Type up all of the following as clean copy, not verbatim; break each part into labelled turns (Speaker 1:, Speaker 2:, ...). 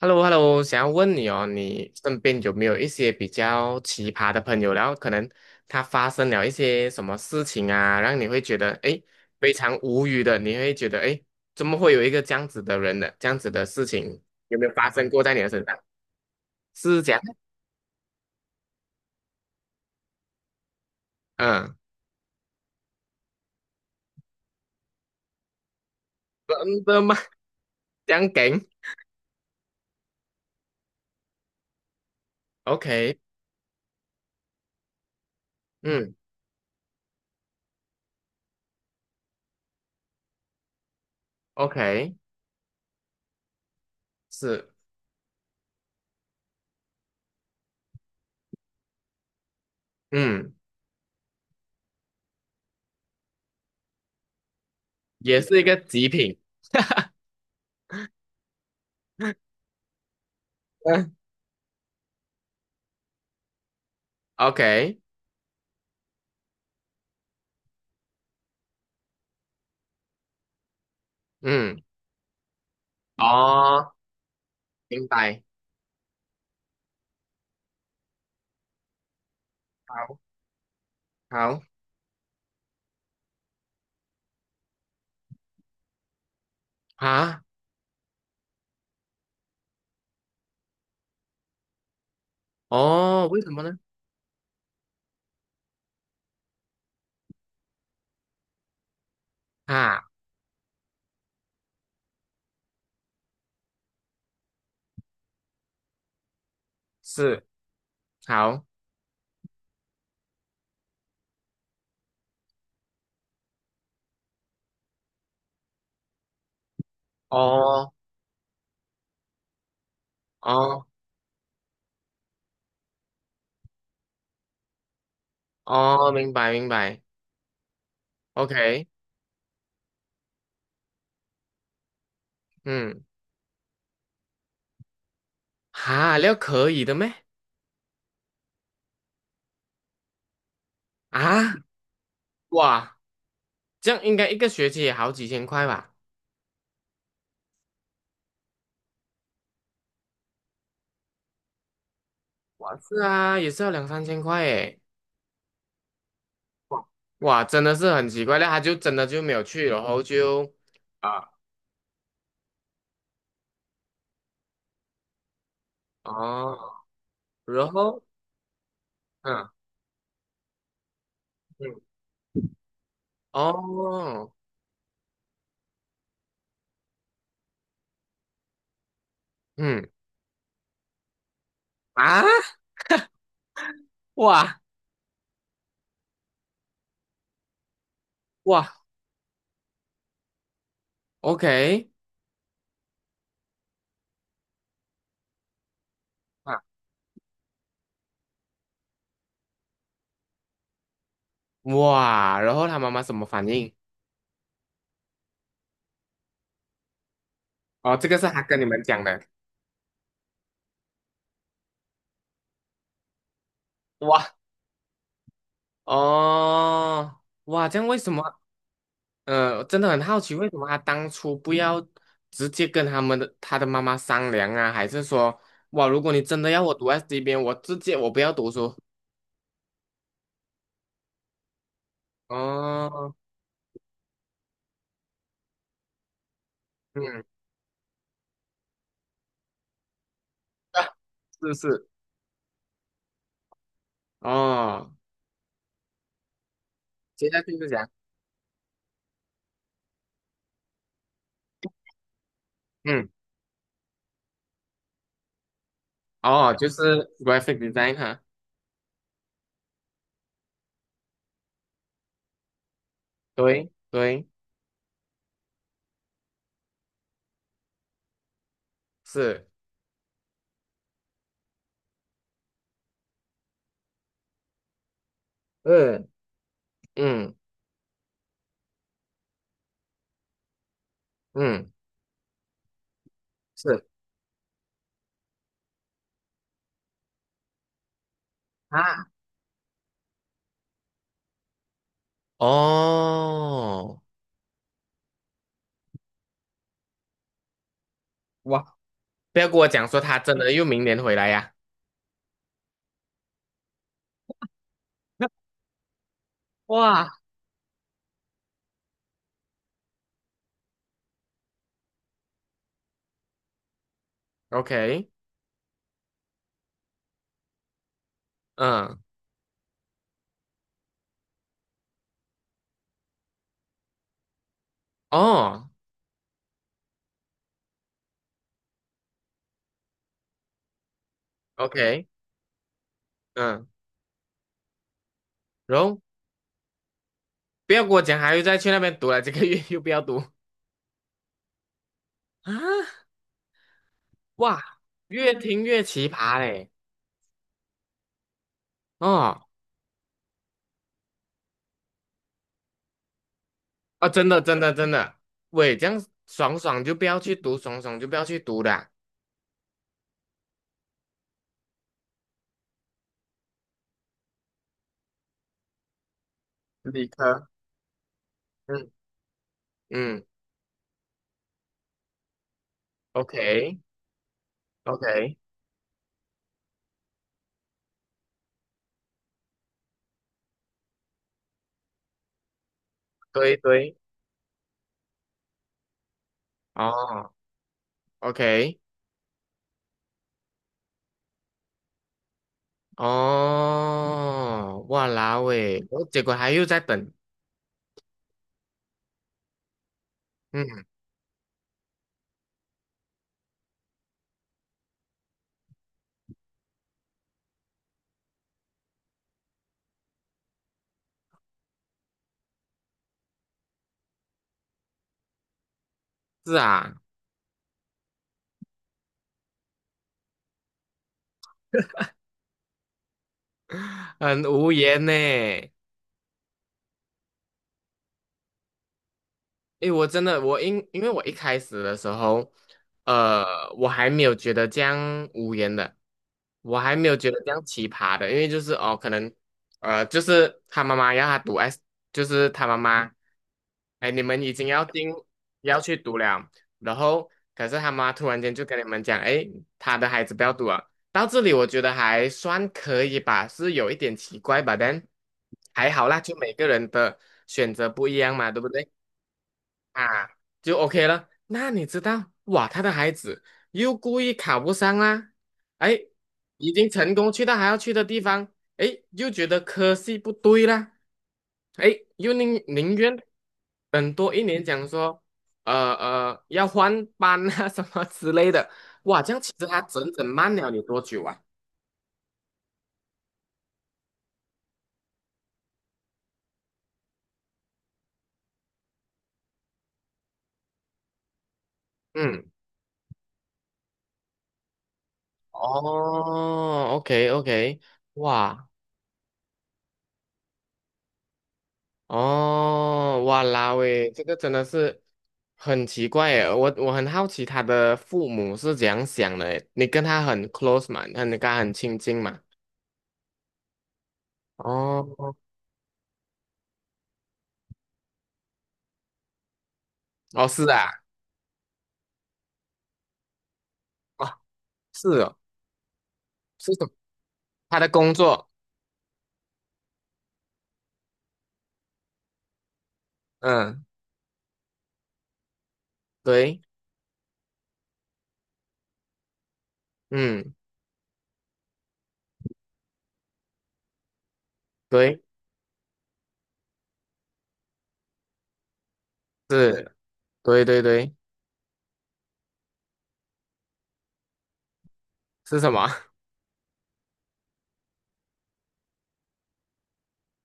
Speaker 1: h e l l o h e l l o 想要问你哦，你身边有没有一些比较奇葩的朋友？然后可能他发生了一些什么事情啊，让你会觉得诶非常无语的，你会觉得诶怎么会有一个这样子的人呢？这样子的事情有没有发生过在你的身上？是这样，嗯，真的吗？这样梗？OK，嗯，OK，是，嗯，也是一个极品，嗯，OK，嗯，哦，明白，好，好，啊。哦，为什么呢？啊，是，好，哦，哦，哦，明白，明白，OK，嗯，哈，料可以的咩？啊，哇，这样应该一个学期也好几千块吧？哇，是啊，也是要两三千块诶。哇，哇，真的是很奇怪，那他就真的就没有去，然后就啊，哦，然后，嗯嗯，哦，嗯啊，哇哇，OK。啊。哇，然后他妈妈什么反应？哦，这个是他跟你们讲的。哇，哦，哇，这样为什么？真的很好奇，为什么他当初不要直接跟他的妈妈商量啊？还是说，哇，如果你真的要我读 S 这边，我直接我不要读书。哦，嗯，啊是是，哦，接下去是讲，嗯，哦，就是 graphic design 哈，对对，是，嗯嗯嗯，是。啊。哦，哇不要跟我讲说他真的又明年回来呀、哇，OK，嗯，哦，OK，嗯，然后不要跟我讲还又再去那边读了，这个月又不要读啊！哇，越听越奇葩嘞！哦，啊，真的，真的，真的，喂，这样爽爽就不要去读，爽爽就不要去读的啊理科，嗯嗯，OK，OK，对对，哦，OK，哦，哇啦喂，我结果还又在等，嗯，是啊，很无言呢。诶，我真的，我因为我一开始的时候，呃，我还没有觉得这样无言的，我还没有觉得这样奇葩的，因为就是哦，可能，就是他妈妈要他读 S，就是他妈妈，哎，你们已经要去读了，然后可是他妈突然间就跟你们讲，哎，他的孩子不要读了，到这里我觉得还算可以吧，是有一点奇怪吧，但还好啦，就每个人的选择不一样嘛，对不对？啊，就 OK 了。那你知道，哇，他的孩子又故意考不上啦，哎，已经成功去到还要去的地方，哎，又觉得科系不对啦，哎，又宁愿等多一年，讲说，要换班啊 什么之类的，哇，这样其实他整整慢了你多久啊？嗯，哦，OK OK，哇，哦，哇啦喂，这个真的是很奇怪耶！我很好奇他的父母是怎样想的耶你跟他很 close 嘛？那你跟他很亲近嘛？哦，哦，是啊，哦，是哦，是什么？他的工作，嗯，对，嗯，对，是，对对对，是什么？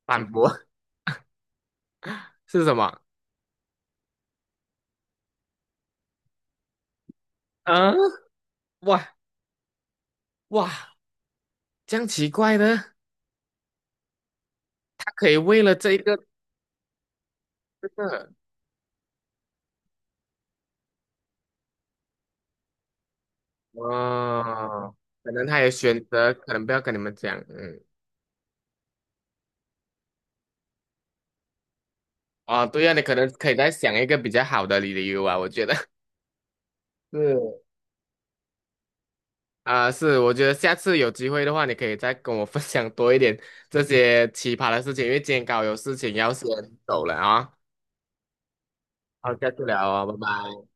Speaker 1: 反驳是什么？嗯，哇哇，这样奇怪的，他可以为了这一个这个。哦，可能他也选择，可能不要跟你们讲，嗯，哦，对呀、你可能可以再想一个比较好的理由啊，我觉得，是，啊、是，我觉得下次有机会的话，你可以再跟我分享多一点这些奇葩的事情，因为今天刚好有事情要先走了啊，好，下次聊哦，拜拜。